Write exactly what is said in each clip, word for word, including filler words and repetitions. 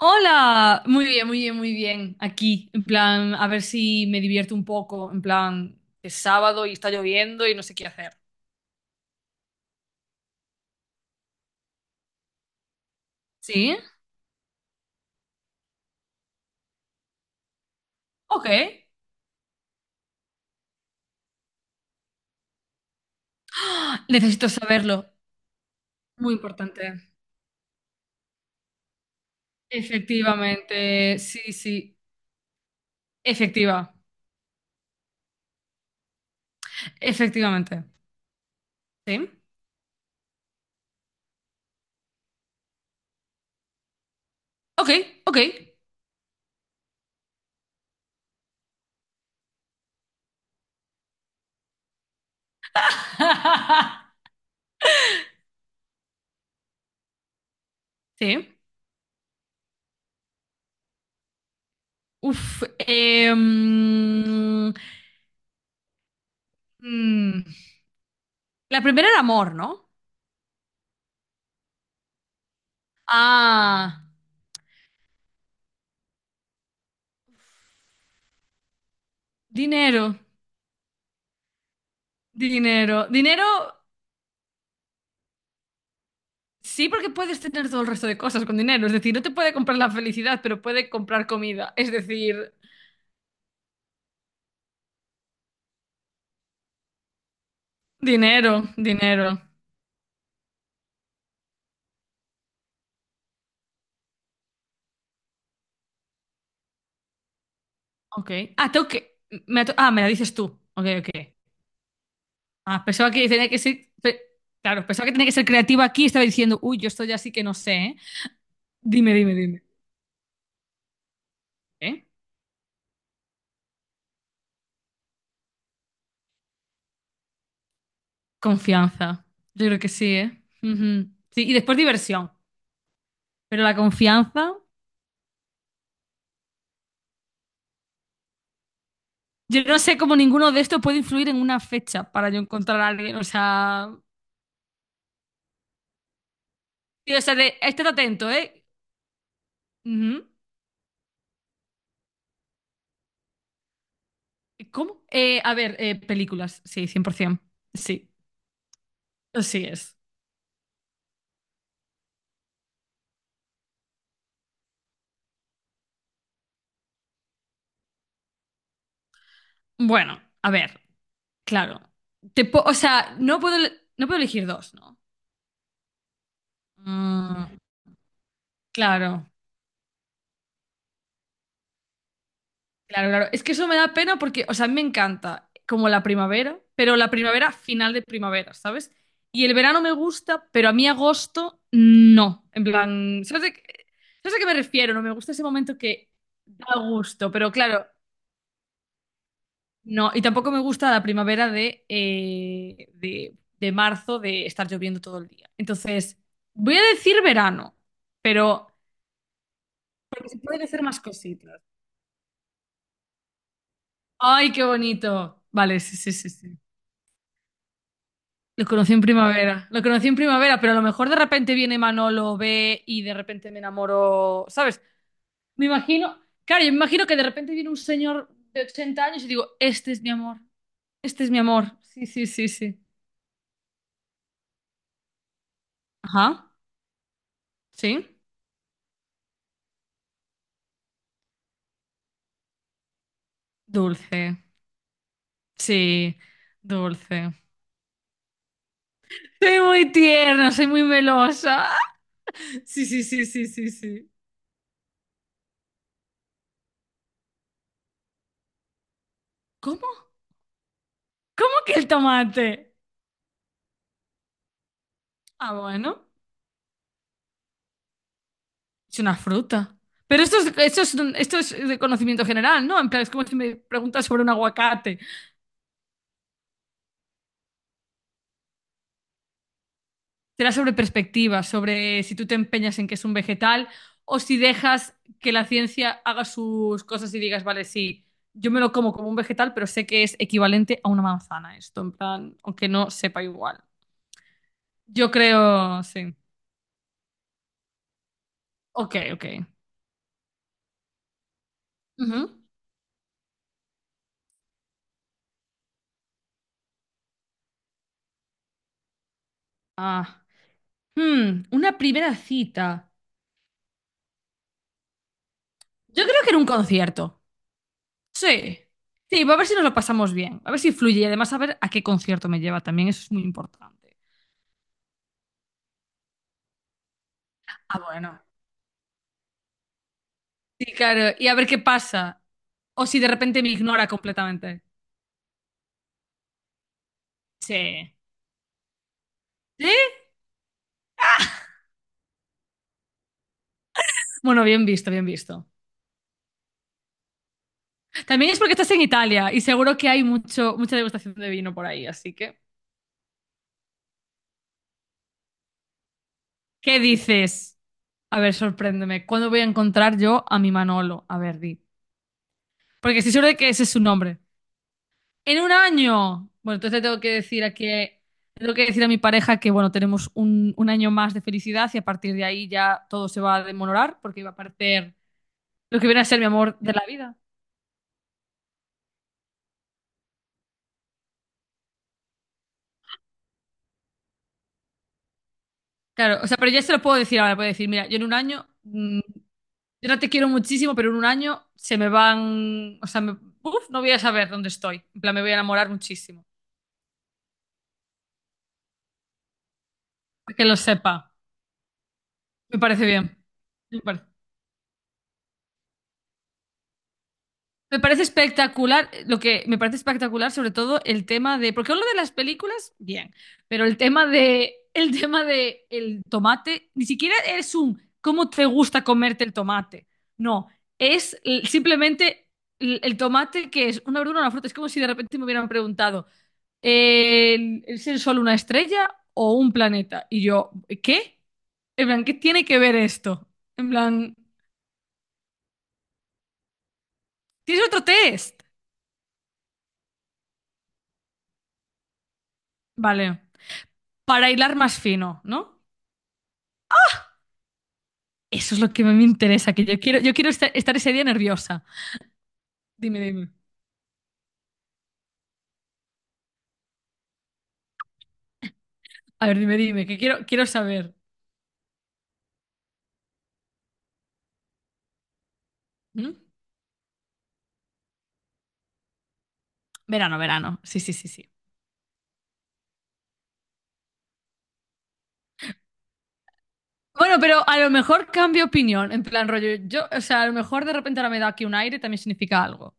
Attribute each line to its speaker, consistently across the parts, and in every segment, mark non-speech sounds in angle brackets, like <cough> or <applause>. Speaker 1: Hola, muy bien, muy bien, muy bien. Aquí, en plan, a ver si me divierto un poco, en plan, es sábado y está lloviendo y no sé qué hacer. ¿Sí? Ok. Necesito saberlo. Muy importante. Efectivamente, sí, sí. Efectiva. Efectivamente. ¿Sí? Ok, ok. <laughs> Sí. Uf. em, mm, la primera era amor, ¿no? Ah. Dinero, dinero, dinero, sí, porque puedes tener todo el resto de cosas con dinero. Es decir, no te puede comprar la felicidad, pero puede comprar comida. Es decir, dinero, dinero. Ok. Ah, tengo que. Me ha to- ah, Me la dices tú. Ok, ok. Ah, pensaba que tenía que ser. pe- Claro, pensaba que tenía que ser creativa aquí y estaba diciendo, uy, yo esto ya sí que no sé, ¿eh? Dime, dime, dime. ¿Eh? Confianza. Yo creo que sí, ¿eh? Ujú. Sí, y después diversión. Pero la confianza. Yo no sé cómo ninguno de estos puede influir en una fecha para yo encontrar a alguien. O sea, tío, o sea, de, estate atento, ¿eh? Ujú. ¿Cómo? Eh, a ver, eh, películas, sí, cien por ciento. Sí, así es. Bueno, a ver, claro. Te po- o sea, no puedo, el- no puedo elegir dos, ¿no? Mm, claro. Claro, claro. Es que eso me da pena porque, o sea, a mí me encanta como la primavera, pero la primavera final de primavera, ¿sabes? Y el verano me gusta, pero a mí agosto no. En plan, ¿sabes, de qué- ¿sabes a qué me refiero? No me gusta ese momento que da gusto, pero claro, no. Y tampoco me gusta la primavera de, eh, de, de marzo, de estar lloviendo todo el día. Entonces, voy a decir verano, pero se pueden hacer más cositas. ¡Ay, qué bonito! Vale, sí, sí, sí, sí. Lo conocí en primavera. Lo conocí en primavera, pero a lo mejor de repente viene Manolo, ve y de repente me enamoro, ¿sabes? Me imagino, claro, yo me imagino que de repente viene un señor de ochenta años y digo, este es mi amor, este es mi amor. Sí, sí, sí, sí. Ajá, sí. Dulce, sí, dulce. Soy muy tierna, soy muy melosa. Sí, sí, sí, sí, sí, sí. ¿Cómo? ¿Cómo que el tomate? Ah, bueno. Es una fruta. Pero esto es, esto es, esto es de conocimiento general, ¿no? En plan, es como si me preguntas sobre un aguacate. Será sobre perspectivas, sobre si tú te empeñas en que es un vegetal o si dejas que la ciencia haga sus cosas y digas, vale, sí, yo me lo como como un vegetal, pero sé que es equivalente a una manzana esto, en plan, aunque no sepa igual. Yo creo, sí. Ok, ok. Ujú. Ah. Hmm, una primera cita. Yo creo que en un concierto. Sí, sí, va a ver si nos lo pasamos bien, a ver si fluye y además a ver a qué concierto me lleva también, eso es muy importante. Ah, bueno. Sí, claro, y a ver qué pasa. O si de repente me ignora completamente. Sí. ¿Sí? Bueno, bien visto, bien visto. También es porque estás en Italia y seguro que hay mucho, mucha degustación de vino por ahí, así que. ¿Qué dices? A ver, sorpréndeme. ¿Cuándo voy a encontrar yo a mi Manolo? A ver, di. Porque estoy seguro de que ese es su nombre. En un año. Bueno, entonces tengo que decir a que tengo que decir a mi pareja que bueno, tenemos un, un año más de felicidad y a partir de ahí ya todo se va a demorar porque va a parecer lo que viene a ser mi amor de la vida. Claro, o sea, pero ya se lo puedo decir ahora, puedo decir, mira, yo en un año, mm, yo no te quiero muchísimo, pero en un año se me van, o sea, me- uf, no voy a saber dónde estoy. En plan, me voy a enamorar muchísimo. Que lo sepa. Me parece bien. Me parece. Me parece espectacular, lo que me parece espectacular sobre todo el tema de, porque lo de las películas, bien, pero el tema de, el tema de el tomate, ni siquiera es un cómo te gusta comerte el tomate, no, es l- simplemente l- el, tomate que es una verdura, una fruta, es como si de repente me hubieran preguntado, eh, ¿es el sol una estrella o un planeta? Y yo, ¿qué? En plan, ¿qué tiene que ver esto? En plan, ¿tienes otro test? Vale, para hilar más fino, ¿no? Eso es lo que me interesa, que yo quiero, yo quiero estar, estar ese día nerviosa. Dime, dime. A ver, dime, dime, que quiero, quiero saber. ¿Mm? Verano, verano. Sí, sí, sí, sí. Bueno, pero a lo mejor cambio opinión, en plan rollo. Yo, o sea, a lo mejor de repente ahora me da aquí un aire, también significa algo.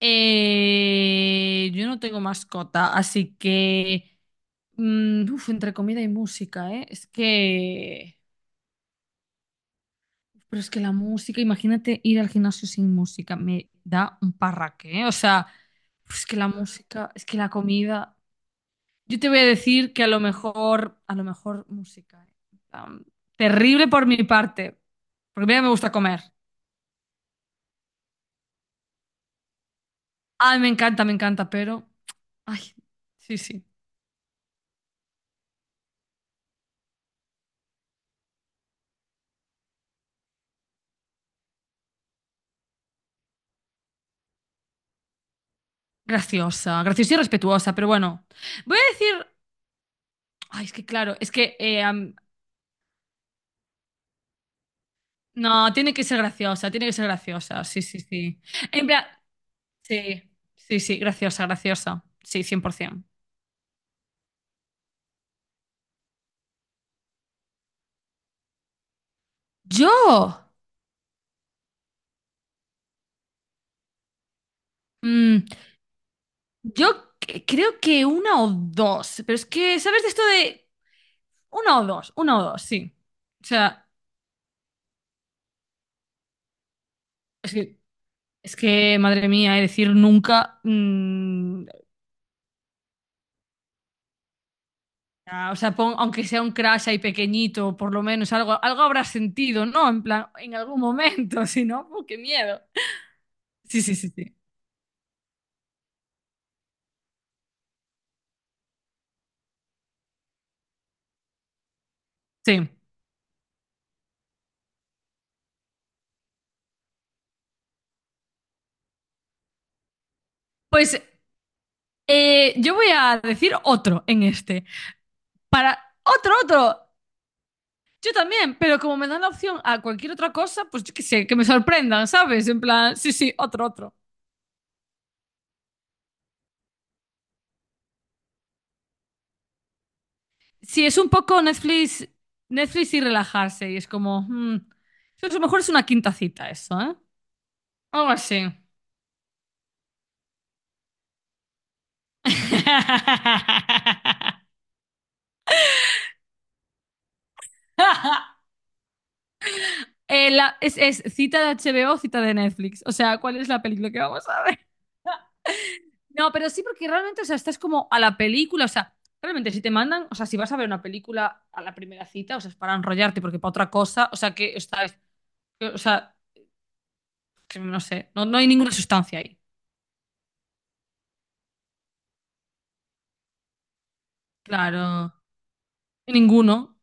Speaker 1: Eh, yo no tengo mascota, así que... mm, uf, entre comida y música, ¿eh? Es que... Pero es que la música, imagínate ir al gimnasio sin música, me da un parraque, ¿eh? O sea, pues es que la música, es que la comida. Yo te voy a decir que a lo mejor, a lo mejor música. ¿Eh? En plan, terrible por mi parte, porque a mí me gusta comer. Ay, me encanta, me encanta, pero. Ay, sí, sí. Graciosa, graciosa y respetuosa, pero bueno. Voy a decir. Ay, es que claro, es que. Eh, am- no, tiene que ser graciosa, tiene que ser graciosa, sí, sí, sí. En plan, sí, sí, sí, graciosa, graciosa. Sí, cien por ciento. Yo, mm, yo c- creo que una o dos, pero es que, ¿sabes de esto de una o dos? Una o dos, sí. O sea, es que, es que madre mía, eh, decir nunca, mm, ah, o sea, pon- aunque sea un crash ahí pequeñito, por lo menos algo, algo habrá sentido, ¿no? En plan, en algún momento, <laughs> si no, ¡uh, qué miedo! Sí, sí, sí, sí. Sí. Pues eh, yo voy a decir otro en este. Para otro, otro. Yo también, pero como me dan la opción a cualquier otra cosa, pues yo qué sé, que me sorprendan, ¿sabes? En plan, sí, sí, otro, otro. Sí, es un poco Netflix, Netflix y relajarse, y es como, mm, a lo mejor es una quinta cita eso, ¿eh? Algo así. <laughs> Eh, la- es, es cita de H B O, cita de Netflix. O sea, ¿cuál es la película que vamos a ver? No, pero sí, porque realmente, o sea, estás como a la película, o sea, realmente si te mandan, o sea, si vas a ver una película a la primera cita, o sea, es para enrollarte, porque para otra cosa, o sea, que estás, que- o sea, que no sé, no, no hay ninguna sustancia ahí. Claro, ninguno.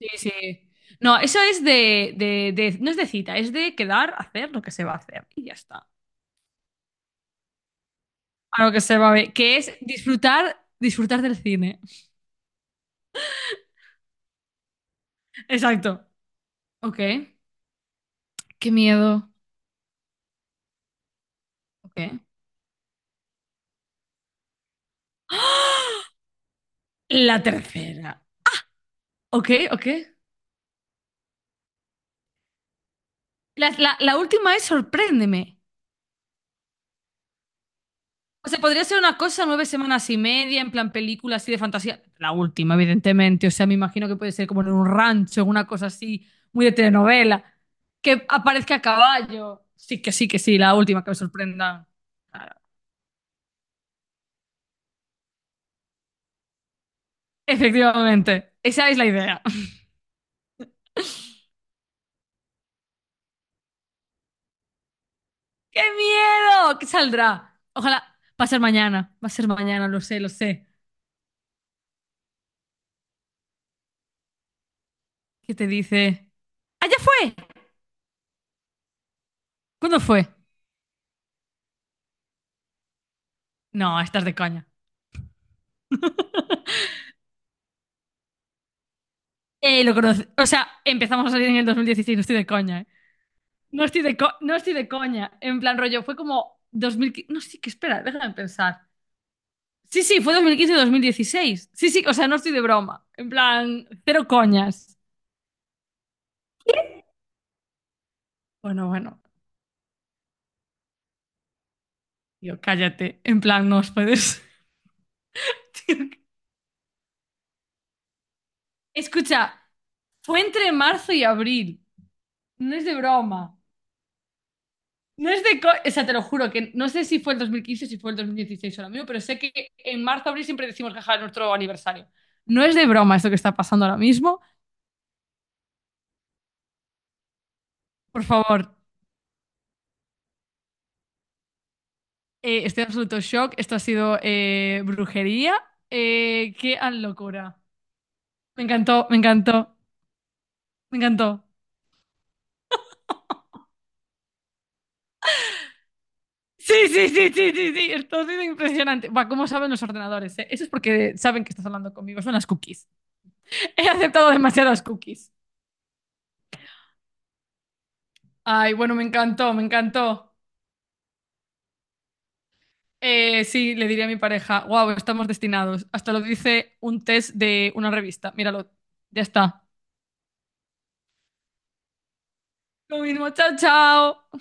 Speaker 1: Sí, sí. No, eso es de, de, de- no es de cita, es de quedar, hacer lo que se va a hacer y ya está. A lo que se va a ver, que es disfrutar, disfrutar del cine. Exacto. Ok. Qué miedo. Ok. ¡Ah! La tercera. Ok, ok. La, la- la última es Sorpréndeme. O sea, podría ser una cosa Nueve semanas y media, en plan película así de fantasía. La última, evidentemente. O sea, me imagino que puede ser como en un rancho, en una cosa así, muy de telenovela. Que aparezca a caballo. Sí, que sí, que sí, la última, que me sorprenda. Claro. Efectivamente, esa es la idea. <laughs> ¡Qué miedo! ¿Qué saldrá? Ojalá. Va a ser mañana, va a ser mañana, lo sé, lo sé. ¿Qué te dice? ¡Allá fue! ¿Cuándo fue? No, estás de caña. <laughs> Eh, lo conocí. O sea, empezamos a salir en el dos mil dieciséis, no estoy de coña, ¿eh? No estoy de, co- no estoy de coña. En plan, rollo, fue como dos mil quince. No, sí, que espera, déjame pensar. Sí, sí, fue dos dos mil quince, mil dieciséis. Sí, sí, o sea, no estoy de broma. En plan, cero coñas. Bueno, bueno, tío, cállate. En plan, no os puedes. <laughs> Tío, escucha, fue entre marzo y abril. No es de broma. No es de. Co- O sea, te lo juro que no sé si fue el dos mil quince, si fue el dos mil dieciséis o lo mismo, pero sé que en marzo, abril siempre decimos que es nuestro aniversario. No es de broma esto que está pasando ahora mismo. Por favor, eh, estoy en absoluto shock. Esto ha sido eh, brujería. Eh, qué locura. Me encantó, me encantó, me encantó. Sí, sí, sí, sí, sí, sí. Esto ha sido impresionante. Buah, ¿cómo saben los ordenadores, eh? Eso es porque saben que estás hablando conmigo. Son las cookies. <laughs> He aceptado demasiadas cookies. Ay, bueno, me encantó, me encantó. Eh, sí, le diría a mi pareja, wow, estamos destinados. Hasta lo dice un test de una revista. Míralo. Ya está. Lo mismo, chao, chao.